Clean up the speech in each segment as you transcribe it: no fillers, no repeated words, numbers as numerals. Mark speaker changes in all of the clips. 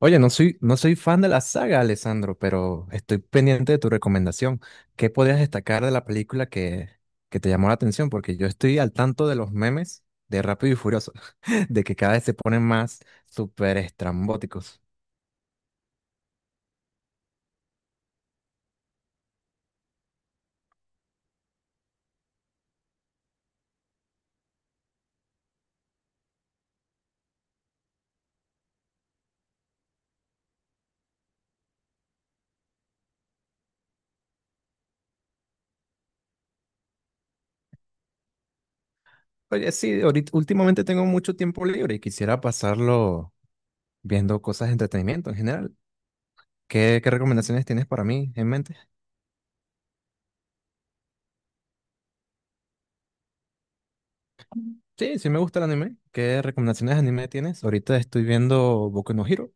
Speaker 1: Oye, no soy fan de la saga, Alessandro, pero estoy pendiente de tu recomendación. ¿Qué podrías destacar de la película que te llamó la atención? Porque yo estoy al tanto de los memes de Rápido y Furioso, de que cada vez se ponen más súper estrambóticos. Oye, sí, ahorita, últimamente tengo mucho tiempo libre y quisiera pasarlo viendo cosas de entretenimiento en general. ¿Qué, qué recomendaciones tienes para mí en mente? Sí, sí me gusta el anime. ¿Qué recomendaciones de anime tienes? Ahorita estoy viendo Boku no Hero.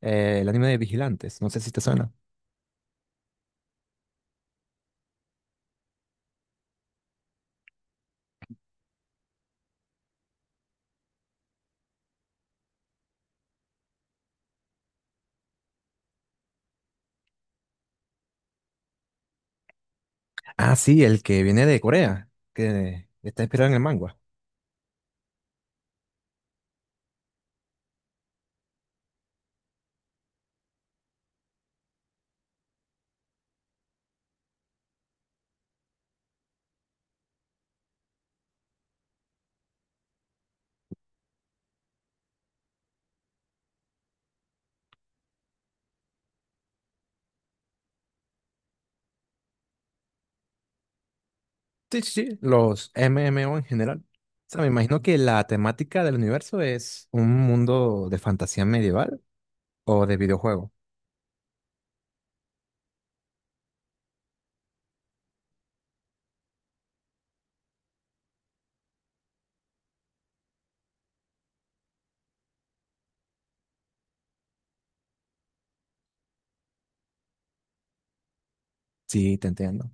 Speaker 1: El anime de Vigilantes, no sé si te suena. Ah, sí, el que viene de Corea, que está inspirado en el manga. Sí, sí, sí, los MMO en general. O sea, me imagino que la temática del universo es un mundo de fantasía medieval o de videojuego. Sí, te entiendo.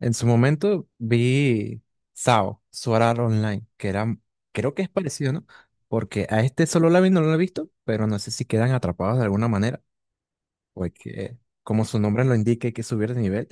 Speaker 1: En su momento vi SAO, Sword Art Online, que era, creo que es parecido, ¿no? Porque a este solo la vi, no lo he visto, pero no sé si quedan atrapados de alguna manera, porque como su nombre lo indica, hay que subir de nivel.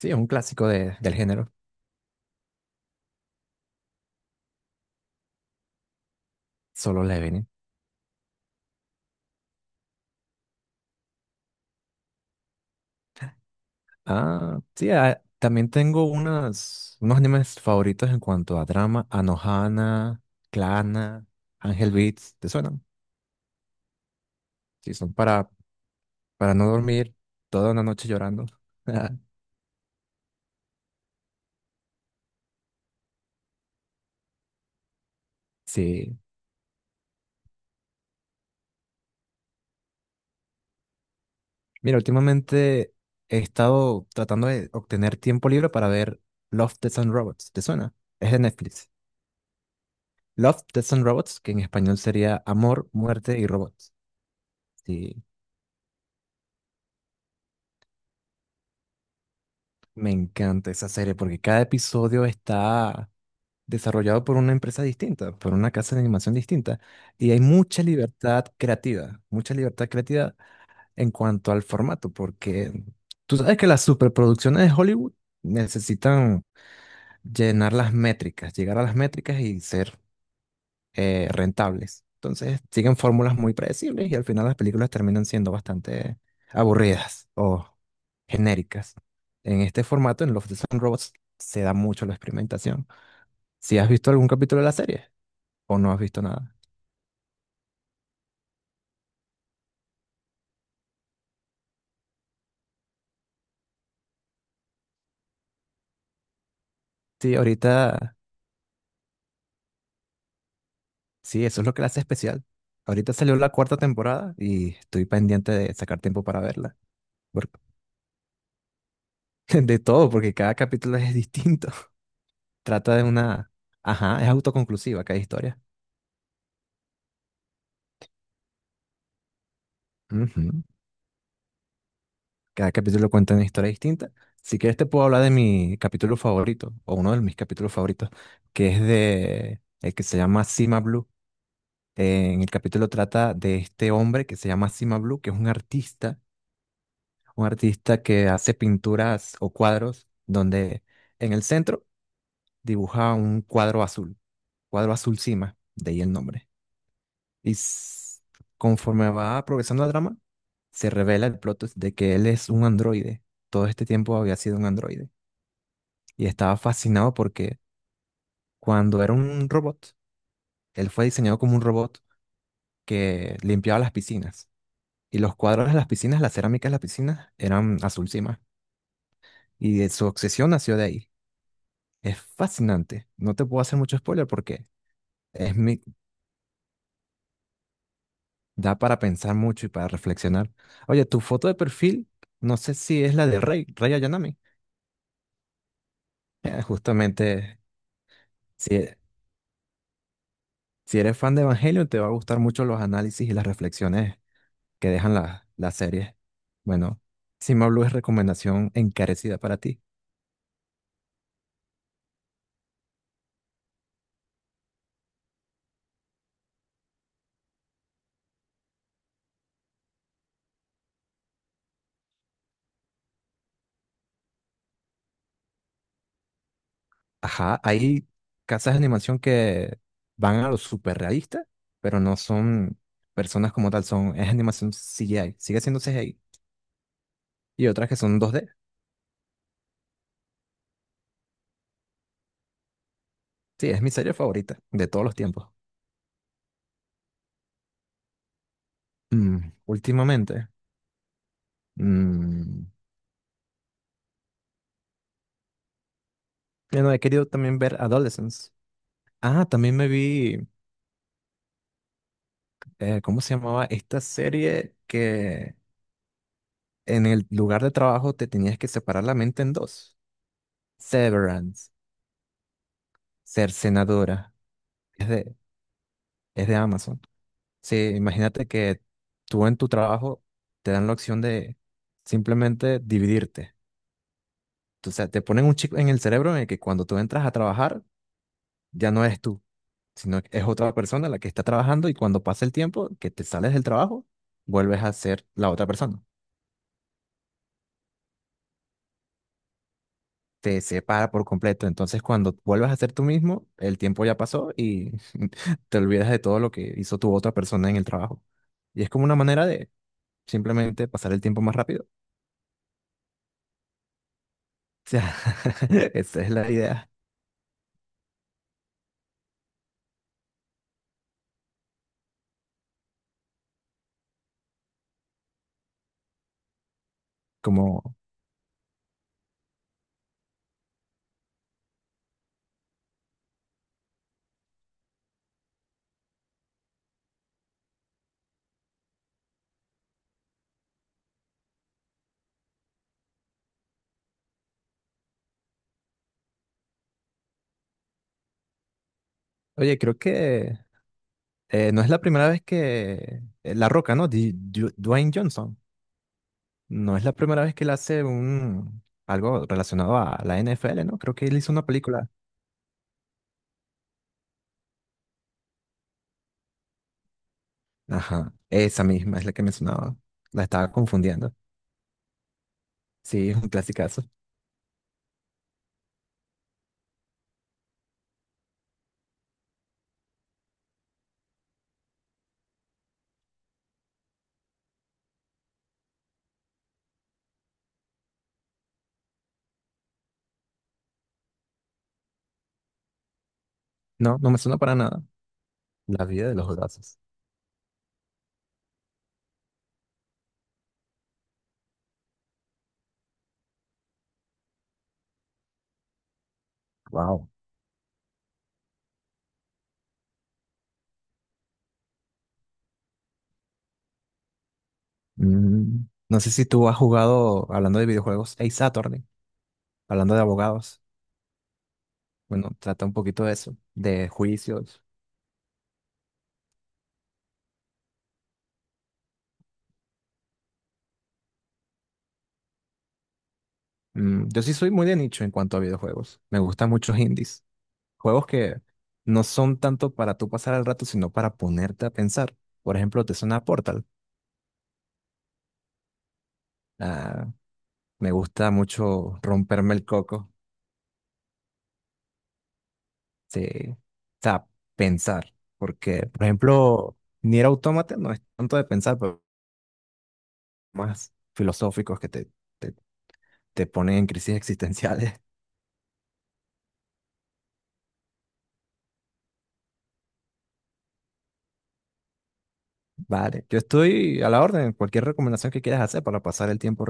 Speaker 1: Sí, es un clásico del género, Solo Leveling. Sí, también tengo unos animes favoritos en cuanto a drama, Anohana, Clana, Angel Beats, ¿te suenan? Sí, son para no dormir toda una noche llorando. Sí, mira, últimamente he estado tratando de obtener tiempo libre para ver Love, Death and Robots, ¿te suena? Es de Netflix. Love, Death and Robots, que en español sería Amor, Muerte y Robots. Sí. Me encanta esa serie porque cada episodio está desarrollado por una empresa distinta, por una casa de animación distinta, y hay mucha libertad creativa en cuanto al formato, porque tú sabes que las superproducciones de Hollywood necesitan llenar las métricas, llegar a las métricas y ser rentables. Entonces siguen fórmulas muy predecibles y al final las películas terminan siendo bastante aburridas o genéricas. En este formato, en Love, Death and Robots, se da mucho la experimentación. Si has visto algún capítulo de la serie o no has visto nada. Sí, ahorita, sí, eso es lo que la hace especial. Ahorita salió la cuarta temporada y estoy pendiente de sacar tiempo para verla. Por- de todo, porque cada capítulo es distinto. Trata de una... Ajá, es autoconclusiva cada historia. Ujú. Cada capítulo cuenta una historia distinta. Si quieres te puedo hablar de mi capítulo favorito, o uno de mis capítulos favoritos, que es de el que se llama Cima Blue. En el capítulo trata de este hombre que se llama Cima Blue, que es un artista que hace pinturas o cuadros donde en el centro dibuja un cuadro azul Cima, de ahí el nombre. Y s- conforme va progresando el drama, se revela el plot twist de que él es un androide. Todo este tiempo había sido un androide y estaba fascinado porque cuando era un robot, él fue diseñado como un robot que limpiaba las piscinas. Y los cuadros de las piscinas, las cerámicas de las piscinas, eran azul cima. Y de su obsesión nació de ahí. Es fascinante. No te puedo hacer mucho spoiler porque es mi, da para pensar mucho y para reflexionar. Oye, tu foto de perfil, no sé si es la de Rey Ayanami. Justamente, si, si eres fan de Evangelion, te va a gustar mucho los análisis y las reflexiones que dejan las series. Bueno, Cima Blue es recomendación encarecida para ti. Ajá, hay casas de animación que van a lo súper realista, pero no son personas como tal, son, es animación CGI, sigue siendo CGI. Y otras que son dos d. Sí, es mi serie favorita de todos los tiempos. Mm, últimamente, mm, bueno, he querido también ver Adolescence. Ah, también me vi, ¿cómo se llamaba? Esta serie que en el lugar de trabajo te tenías que separar la mente en dos. Severance, Cercenadora. Es es de Amazon. Sí, imagínate que tú en tu trabajo te dan la opción de simplemente dividirte. O sea, te ponen un chip en el cerebro en el que cuando tú entras a trabajar ya no eres tú, sino que es otra persona la que está trabajando y cuando pasa el tiempo que te sales del trabajo, vuelves a ser la otra persona. Te separa por completo. Entonces, cuando vuelves a ser tú mismo, el tiempo ya pasó y te olvidas de todo lo que hizo tu otra persona en el trabajo. Y es como una manera de simplemente pasar el tiempo más rápido sea, esa es la idea. Como, oye, creo que no es la primera vez que La Roca, ¿no? Dwayne Johnson. No es la primera vez que él hace un algo relacionado a la NFL, ¿no? Creo que él hizo una película. Ajá, esa misma es la que mencionaba. La estaba confundiendo. Sí, es un clasicazo. No, no me suena para nada. La vida de los juegazos. Wow. Mm, no sé si tú has jugado, hablando de videojuegos, Ace Attorney, hablando de abogados. Bueno, trata un poquito de eso, de juicios. Mm, yo sí soy muy de nicho en cuanto a videojuegos. Me gustan muchos indies. Juegos que no son tanto para tú pasar el rato, sino para ponerte a pensar. Por ejemplo, te suena Portal. Ah, me gusta mucho romperme el coco. Sí. O sea, pensar. Porque, por ejemplo, Nier Automata no es tanto de pensar, pero más filosóficos que te, te ponen en crisis existenciales. Vale, yo estoy a la orden. Cualquier recomendación que quieras hacer para pasar el tiempo